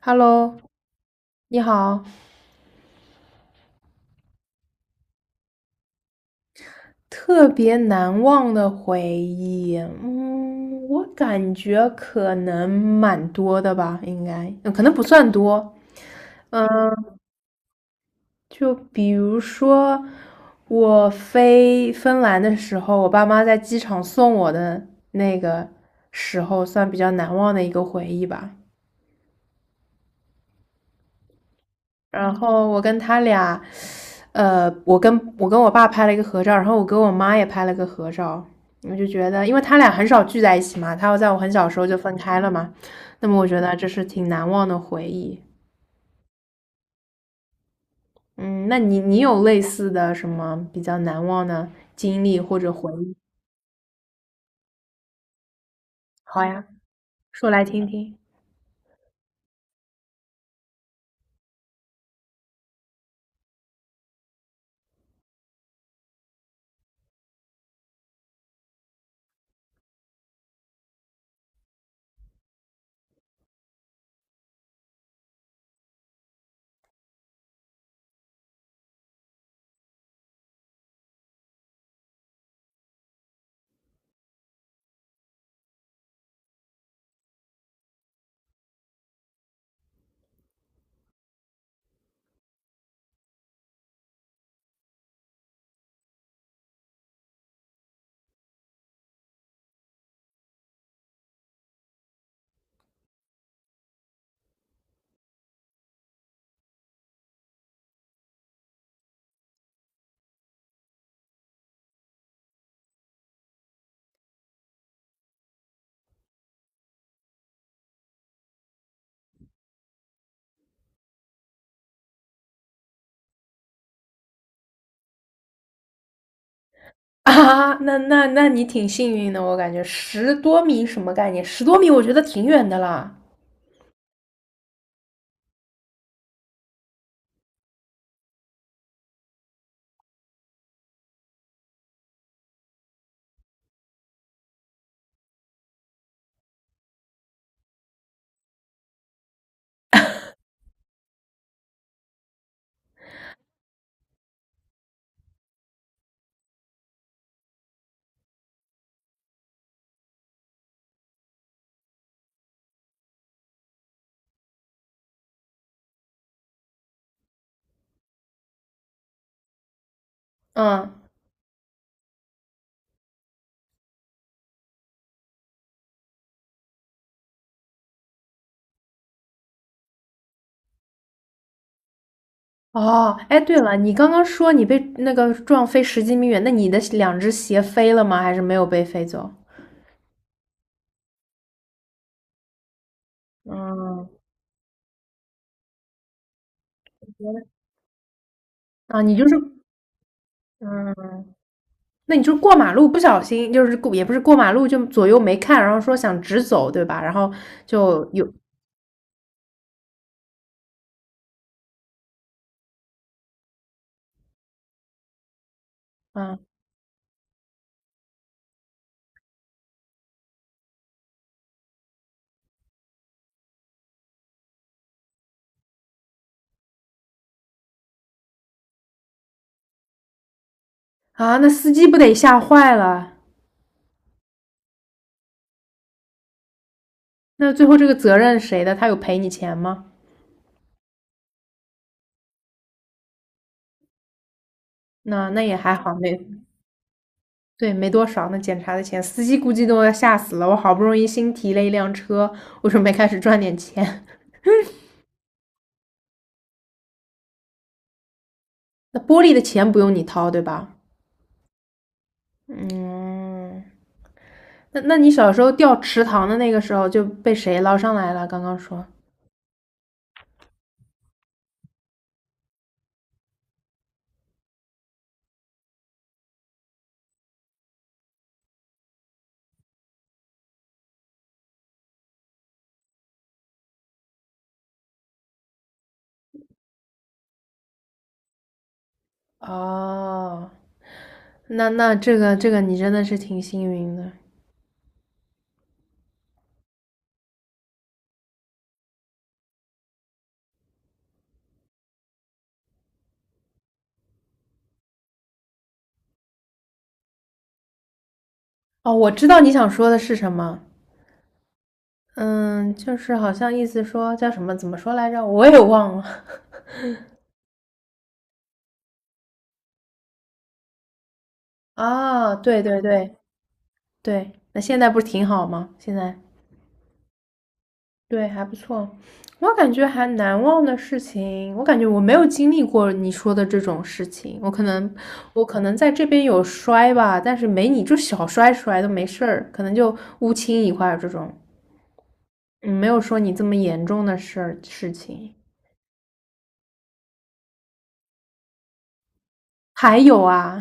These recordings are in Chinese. Hello，你好，特别难忘的回忆，我感觉可能蛮多的吧，应该，可能不算多，嗯，就比如说我飞芬兰的时候，我爸妈在机场送我的那个时候，算比较难忘的一个回忆吧。然后我跟他俩，我跟我爸拍了一个合照，然后我跟我妈也拍了个合照。我就觉得，因为他俩很少聚在一起嘛，他要在我很小时候就分开了嘛，那么我觉得这是挺难忘的回忆。嗯，那你有类似的什么比较难忘的经历或者回忆？好呀，说来听听。啊，那你挺幸运的，我感觉十多米什么概念？十多米我觉得挺远的啦。嗯，哦，哎，对了，你刚刚说你被那个撞飞十几米远，那你的两只鞋飞了吗？还是没有被飞走？嗯，原来啊，你就是，嗯，那你就是过马路不小心，就是过也不是过马路，就左右没看，然后说想直走，对吧？然后就有，嗯啊，那司机不得吓坏了？那最后这个责任谁的？他有赔你钱吗？那也还好，没对，没多少呢，那检查的钱，司机估计都要吓死了。我好不容易新提了一辆车，我准备开始赚点钱。那玻璃的钱不用你掏，对吧？嗯，那那你小时候掉池塘的那个时候就被谁捞上来了？刚刚说哦，那那这个你真的是挺幸运的哦。我知道你想说的是什么，嗯，就是好像意思说叫什么，怎么说来着？我也忘了啊 对对对对，那现在不是挺好吗？现在。对，还不错。我感觉还难忘的事情，我感觉我没有经历过你说的这种事情。我可能，我可能在这边有摔吧，但是没你就小摔摔都没事儿，可能就乌青一块儿这种，嗯，没有说你这么严重的事情。还有啊，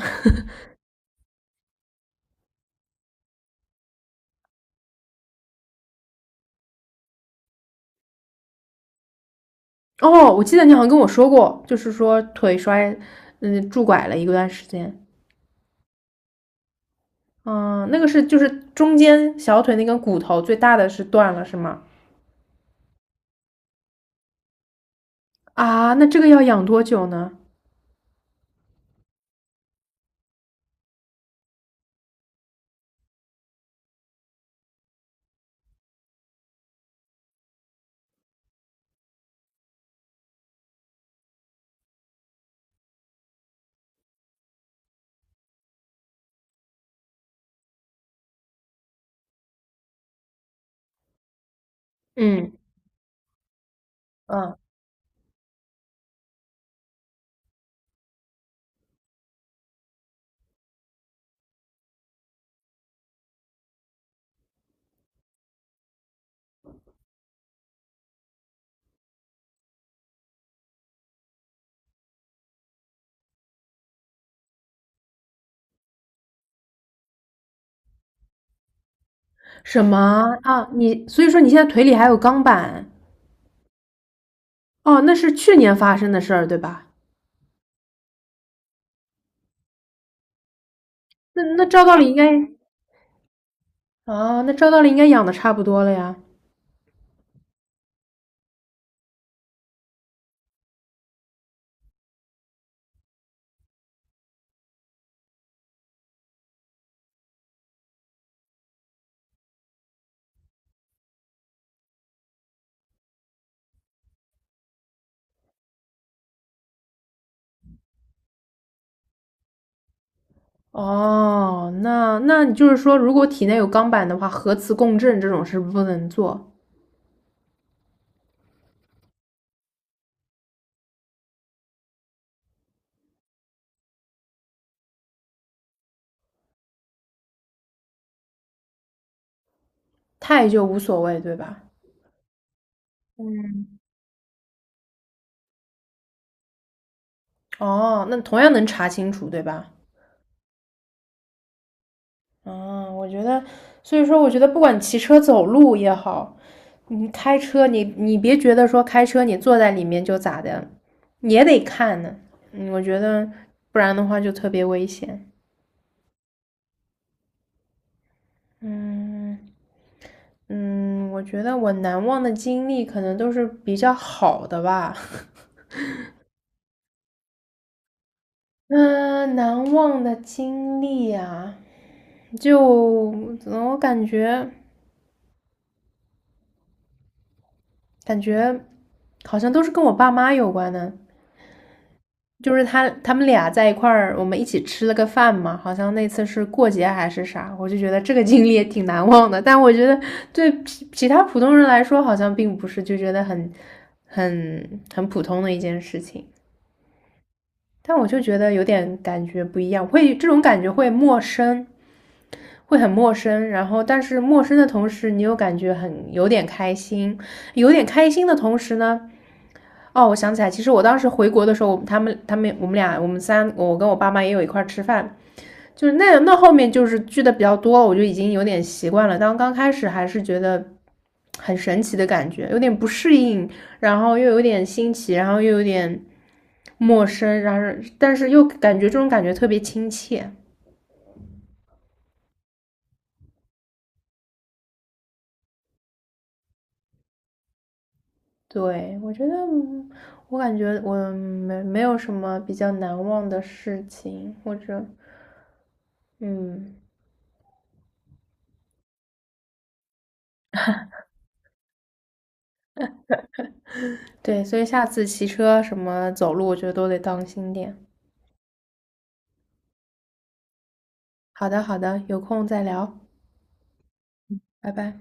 哦，我记得你好像跟我说过，就是说腿摔，嗯，拄拐了一段时间。嗯，那个是就是中间小腿那根骨头最大的是断了是吗？啊，那这个要养多久呢？嗯，嗯，什么啊？你所以说你现在腿里还有钢板？哦，那是去年发生的事儿，对吧？那那照道理应该啊，那照道理应该养的差不多了呀。哦，那那你就是说，如果体内有钢板的话，核磁共振这种是不能做，钛就无所谓，对吧？嗯，哦，那同样能查清楚，对吧？嗯，我觉得，所以说，我觉得不管骑车、走路也好，你开车，你别觉得说开车你坐在里面就咋的，也得看呢。嗯，我觉得不然的话就特别危险。嗯嗯，我觉得我难忘的经历可能都是比较好的吧。嗯，难忘的经历啊，就我感觉感觉好像都是跟我爸妈有关的。就是他们俩在一块儿，我们一起吃了个饭嘛，好像那次是过节还是啥，我就觉得这个经历也挺难忘的。但我觉得对其他普通人来说，好像并不是就觉得很很普通的一件事情。但我就觉得有点感觉不一样，会这种感觉会陌生，会很陌生。然后，但是陌生的同时，你又感觉很有点开心，有点开心的同时呢，哦，我想起来，其实我当时回国的时候，他们他们我们俩我们三，我跟我爸妈也有一块吃饭，就是那后面就是聚的比较多，我就已经有点习惯了。当刚开始还是觉得很神奇的感觉，有点不适应，然后又有点新奇，然后又有点陌生，然后但是又感觉这种感觉特别亲切。对，我觉得嗯我感觉我没有什么比较难忘的事情，或者嗯，对，所以下次骑车什么走路，我觉得都得当心点。好的，好的，有空再聊，拜拜。